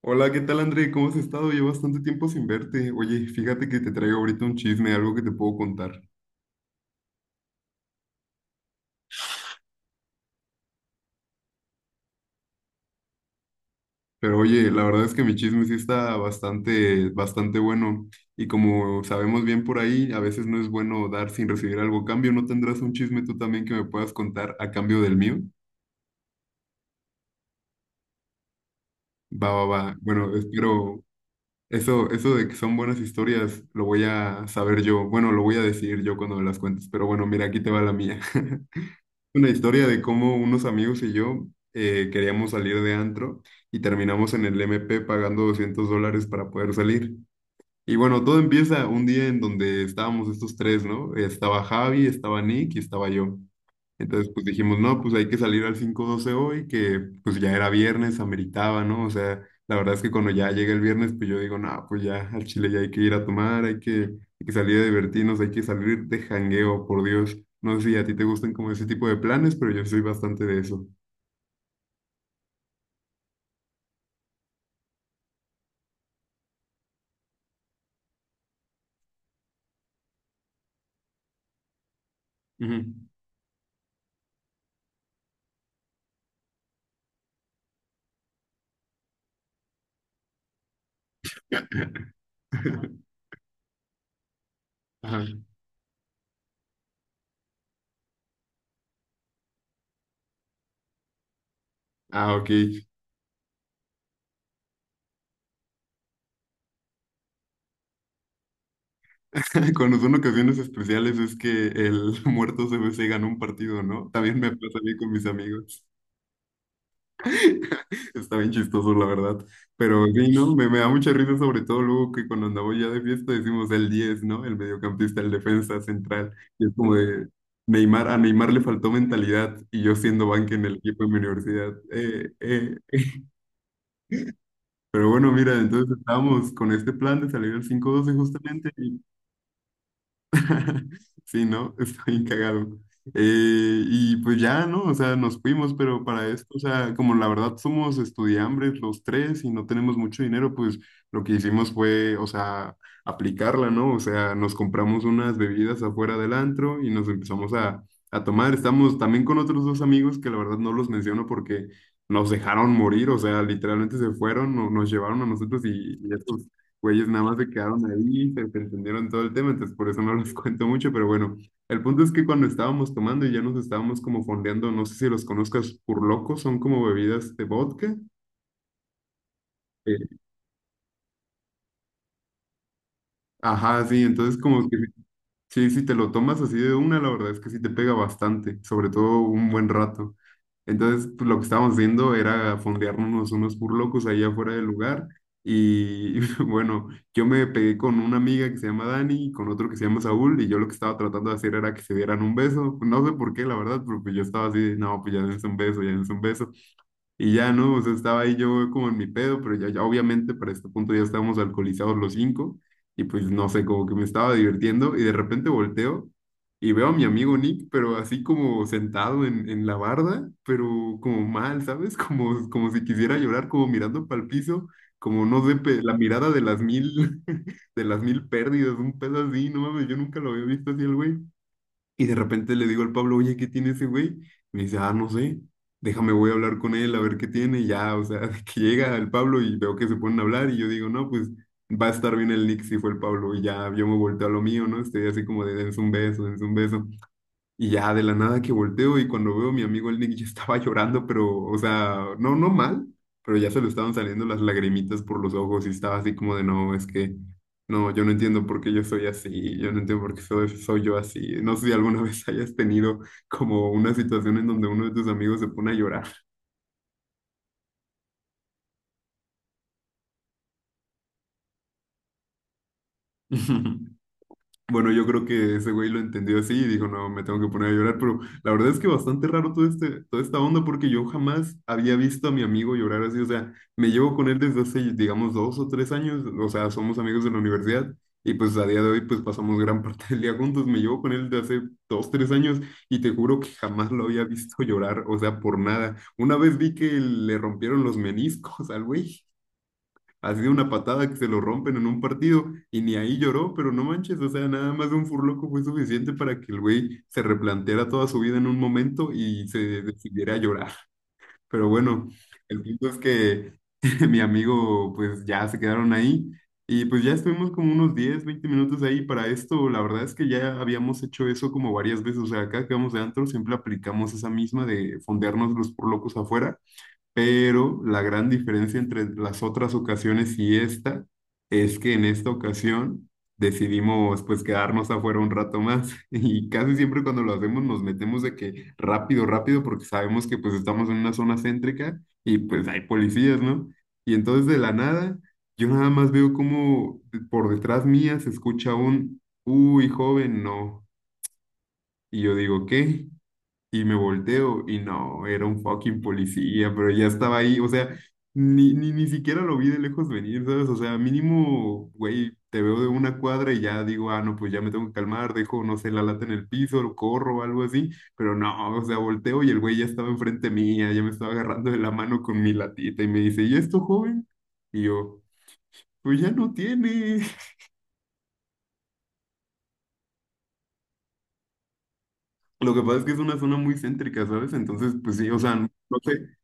Hola, ¿qué tal André? ¿Cómo has estado? Llevo bastante tiempo sin verte. Oye, fíjate que te traigo ahorita un chisme, algo que te puedo contar. Pero oye, la verdad es que mi chisme sí está bastante, bastante bueno. Y como sabemos bien por ahí, a veces no es bueno dar sin recibir algo a cambio. ¿No tendrás un chisme tú también que me puedas contar a cambio del mío? Va, va, va. Bueno, espero eso de que son buenas historias, lo voy a saber yo. Bueno, lo voy a decidir yo cuando me las cuentes. Pero bueno, mira, aquí te va la mía. Una historia de cómo unos amigos y yo queríamos salir de antro y terminamos en el M P pagando $200 para poder salir. Y bueno, todo empieza un día en donde estábamos estos tres, ¿no? Estaba Javi, estaba Nick y estaba yo. Entonces, pues dijimos, no, pues hay que salir al 5-12 hoy, que pues ya era viernes, ameritaba, ¿no? O sea, la verdad es que cuando ya llega el viernes, pues yo digo, no, pues ya al Chile ya hay que ir a tomar, hay que salir a divertirnos, hay que salir de jangueo, por Dios. No sé si a ti te gustan como ese tipo de planes, pero yo soy bastante de eso. Ujú. Ajá. Ah, ok. Cuando son ocasiones especiales es que el muerto CBC ganó un partido, ¿no? También me pasa a mí con mis amigos. Está bien chistoso, la verdad. Pero sí, ¿no? Me da mucha risa, sobre todo luego que cuando andamos ya de fiesta decimos el diez, ¿no? El mediocampista, el defensa central. Y es como de Neymar, a Neymar le faltó mentalidad y yo siendo banca en el equipo de mi universidad. Pero bueno, mira, entonces estábamos con este plan de salir al 5-12 justamente y sí, ¿no? Está bien cagado. Y pues ya, ¿no? O sea, nos fuimos, pero para esto, o sea, como la verdad somos estudiambres los tres y no tenemos mucho dinero, pues lo que hicimos fue, o sea, aplicarla, ¿no? O sea, nos compramos unas bebidas afuera del antro y nos empezamos a tomar. Estamos también con otros dos amigos que la verdad no los menciono porque nos dejaron morir, o sea, literalmente se fueron, nos llevaron a nosotros y estos güeyes nada más se quedaron ahí, se entendieron todo el tema, entonces por eso no los cuento mucho, pero bueno, el punto es que cuando estábamos tomando y ya nos estábamos como fondeando, no sé si los conozcas, locos son como bebidas de vodka. Eh, ajá, sí, entonces como que sí, si te lo tomas así de una, la verdad es que sí te pega bastante, sobre todo un buen rato. Entonces, pues, lo que estábamos haciendo era fondearnos unos burlocos allá afuera del lugar. Y bueno, yo me pegué con una amiga que se llama Dani y con otro que se llama Saúl. Y yo lo que estaba tratando de hacer era que se dieran un beso. No sé por qué, la verdad, pero pues yo estaba así, de, no, pues ya dense un beso, ya dense un beso. Y ya, ¿no? O sea, estaba ahí yo como en mi pedo, pero ya, ya obviamente para este punto ya estábamos alcoholizados los cinco. Y pues no sé, como que me estaba divirtiendo y de repente volteo y veo a mi amigo Nick, pero así como sentado en la barda, pero como mal, ¿sabes? Como si quisiera llorar, como mirando para el piso, como no sé, pe- la mirada de las mil, de las mil pérdidas, un pedo así, no mames, yo nunca lo había visto así el güey. Y de repente le digo al Pablo, oye, ¿qué tiene ese güey? Me dice, ah, no sé, déjame, voy a hablar con él a ver qué tiene. Y ya, o sea, que llega el Pablo y veo que se ponen a hablar y yo digo, no, pues va a estar bien el Nick si fue el Pablo. Y ya yo me volteo a lo mío, ¿no? Estoy así como de dense un beso, dense un beso. Y ya de la nada que volteo y cuando veo a mi amigo el Nick ya estaba llorando, pero, o sea, no, no mal, pero ya se le estaban saliendo las lagrimitas por los ojos y estaba así como de, no, es que, no, yo no entiendo por qué yo soy así, yo no entiendo por qué soy yo así. No sé si alguna vez hayas tenido como una situación en donde uno de tus amigos se pone a llorar. Bueno, yo creo que ese güey lo entendió así y dijo, no, me tengo que poner a llorar, pero la verdad es que bastante raro todo este, toda esta onda porque yo jamás había visto a mi amigo llorar así, o sea, me llevo con él desde hace, digamos, 2 o 3 años, o sea, somos amigos de la universidad y pues a día de hoy pues pasamos gran parte del día juntos, me llevo con él desde hace 2, 3 años y te juro que jamás lo había visto llorar, o sea, por nada. Una vez vi que le rompieron los meniscos al güey. Así de una patada que se lo rompen en un partido y ni ahí lloró, pero no manches, o sea, nada más de un furloco fue suficiente para que el güey se replanteara toda su vida en un momento y se decidiera a llorar. Pero bueno, el punto es que mi amigo, pues ya se quedaron ahí y pues ya estuvimos como unos 10 20 minutos ahí para esto. La verdad es que ya habíamos hecho eso como varias veces, o sea, acá que vamos de antro siempre aplicamos esa misma de fondearnos los furlocos afuera, pero la gran diferencia entre las otras ocasiones y esta es que en esta ocasión decidimos pues quedarnos afuera un rato más y casi siempre cuando lo hacemos nos metemos de que rápido, rápido porque sabemos que pues estamos en una zona céntrica y pues hay policías, ¿no? Y entonces de la nada yo nada más veo como por detrás mía se escucha un, uy, joven, no. Y yo digo, ¿qué? Y me volteo y no, era un fucking policía, pero ya estaba ahí, o sea, ni siquiera lo vi de lejos venir, ¿sabes? O sea, mínimo, güey, te veo de una cuadra y ya digo, ah, no, pues ya me tengo que calmar, dejo, no sé, la lata en el piso, lo corro o algo así, pero no, o sea, volteo y el güey ya estaba enfrente mía, ya me estaba agarrando de la mano con mi latita y me dice, ¿y esto, joven? Y yo, pues ya no tiene. Lo que pasa es que es una zona muy céntrica, ¿sabes? Entonces, pues sí, o sea, no sé.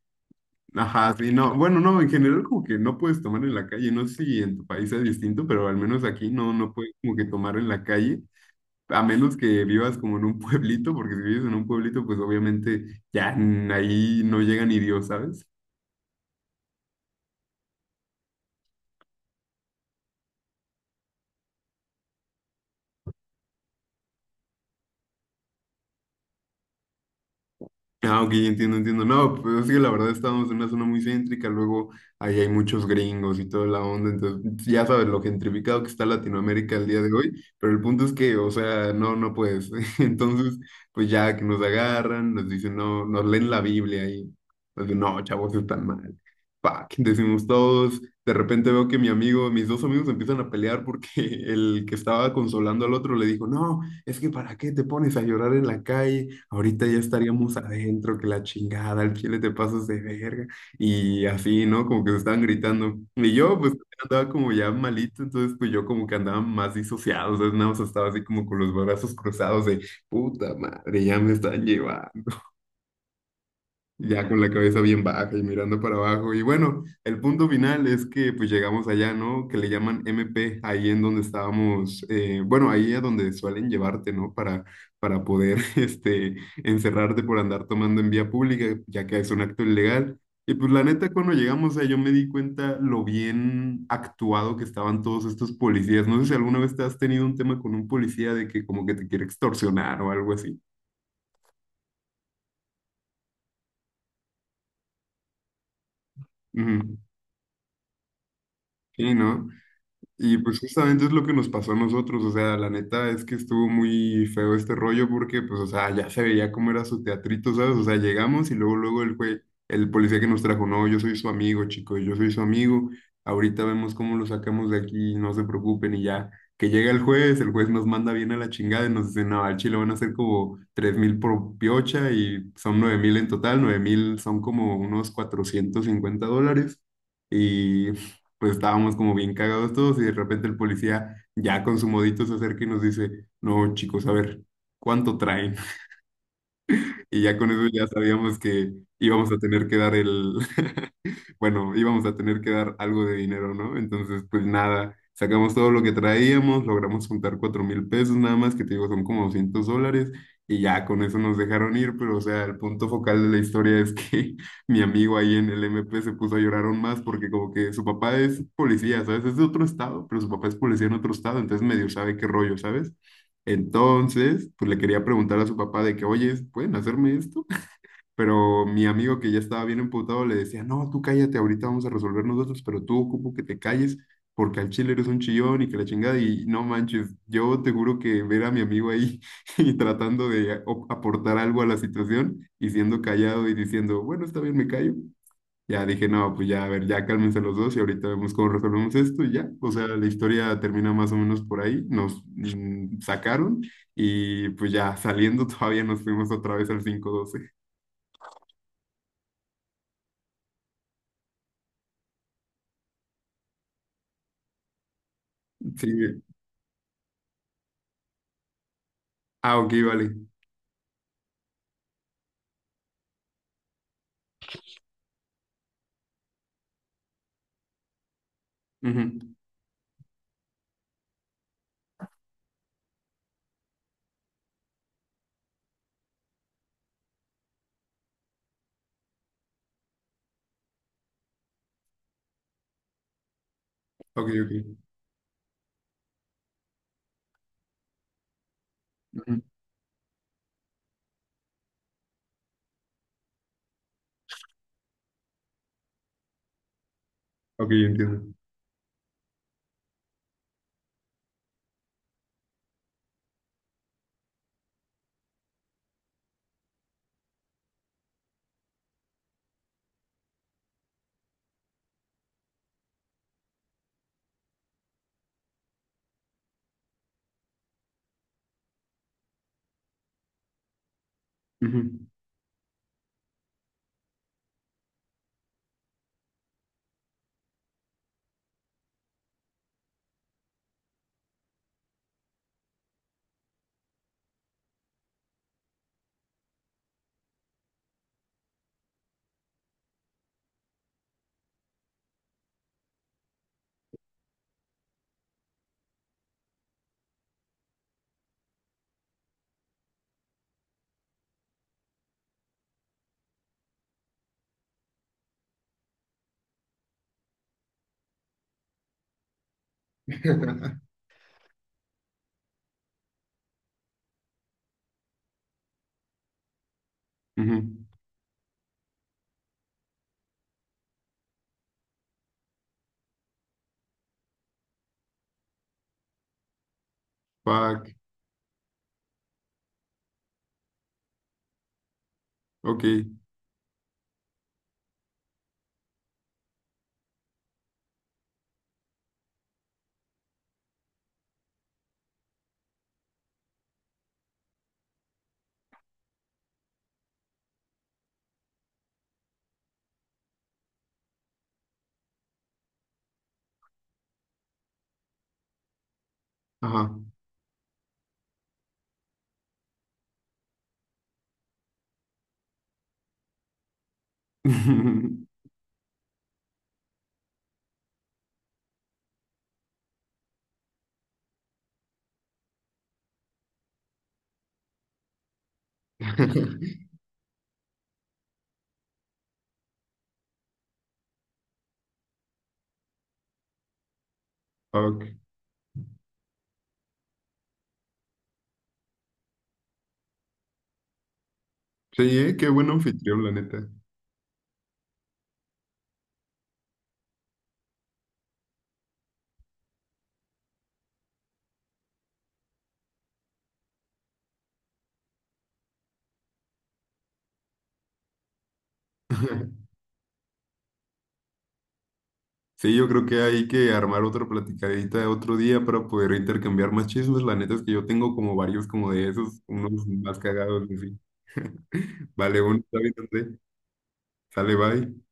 Ajá, sí, no, bueno, no, en general como que no puedes tomar en la calle, no sé si en tu país es distinto, pero al menos aquí no, no puedes como que tomar en la calle, a menos que vivas como en un pueblito, porque si vives en un pueblito, pues obviamente ya ahí no llega ni Dios, ¿sabes? Ah, ok, entiendo, entiendo. No, pues es que la verdad estamos en una zona muy céntrica, luego ahí hay muchos gringos y toda la onda, entonces ya sabes lo gentrificado que está Latinoamérica el día de hoy, pero el punto es que, o sea, no, no puedes. Entonces, pues ya que nos agarran, nos dicen, no, nos leen la Biblia y nos dicen, no, chavos, están mal. Pac, decimos todos, de repente veo que mi amigo, mis dos amigos empiezan a pelear porque el que estaba consolando al otro le dijo, no es que ¿para qué te pones a llorar en la calle? Ahorita ya estaríamos adentro, que la chingada, al chile te pasas de verga. Y así, ¿no? Como que se estaban gritando. Y yo, pues, andaba como ya malito, entonces, pues, yo como que andaba más disociado, entonces nada más estaba así como con los brazos cruzados de, puta madre, ya me están llevando ya con la cabeza bien baja y mirando para abajo. Y bueno, el punto final es que pues llegamos allá, ¿no? Que le llaman MP, ahí en donde estábamos, bueno, ahí a donde suelen llevarte, ¿no? Para poder, este, encerrarte por andar tomando en vía pública, ya que es un acto ilegal. Y pues la neta, cuando llegamos ahí, yo me di cuenta lo bien actuado que estaban todos estos policías. No sé si alguna vez te has tenido un tema con un policía de que como que te quiere extorsionar o algo así. Ujú. Sí, ¿no? Y pues justamente es lo que nos pasó a nosotros, o sea, la neta es que estuvo muy feo este rollo porque pues, o sea, ya se veía cómo era su teatrito, ¿sabes? O sea, llegamos y luego, luego el güey, el policía que nos trajo, no, yo soy su amigo, chicos, yo soy su amigo, ahorita vemos cómo lo sacamos de aquí, no se preocupen y ya, que llega el juez nos manda bien a la chingada y nos dice, no, al chile van a ser como 3,000 por piocha y son 9,000 en total, 9,000 son como unos $450. Y pues estábamos como bien cagados todos y de repente el policía ya con su modito se acerca y nos dice, no, chicos, a ver, ¿cuánto traen? Y ya con eso ya sabíamos que íbamos a tener que dar el, bueno, íbamos a tener que dar algo de dinero, ¿no? Entonces, pues nada, sacamos todo lo que traíamos, logramos juntar 4,000 pesos nada más, que te digo, son como $200, y ya con eso nos dejaron ir, pero o sea, el punto focal de la historia es que mi amigo ahí en el MP se puso a llorar aún más porque como que su papá es policía, ¿sabes? Es de otro estado, pero su papá es policía en otro estado, entonces medio sabe qué rollo, ¿sabes? Entonces, pues le quería preguntar a su papá de que, oye, ¿pueden hacerme esto? Pero mi amigo que ya estaba bien emputado le decía, no, tú cállate, ahorita vamos a resolver nosotros, pero tú ocupo que te calles porque al chile eres un chillón y que la chingada y no manches, yo te juro que ver a mi amigo ahí y tratando de aportar algo a la situación y siendo callado y diciendo, bueno, está bien, me callo, ya dije, no, pues ya, a ver, ya cálmense los dos y ahorita vemos cómo resolvemos esto y ya. O sea, la historia termina más o menos por ahí. Nos sacaron y pues ya saliendo todavía nos fuimos otra vez al 5-12. Sí. Ah, ok, vale. Ujú. Ok, ok. Ujú. Ok, entiendo. Ujú, ujú. Fuck. Ok. Ajá. Fuck. Sí, ¿eh? Qué buen anfitrión, la neta. Sí, yo creo que hay que armar otra platicadita de otro día para poder intercambiar más chismes. La neta es que yo tengo como varios como de esos, unos más cagados, en fin. Vale, bueno, está bien, André. Sale, bye.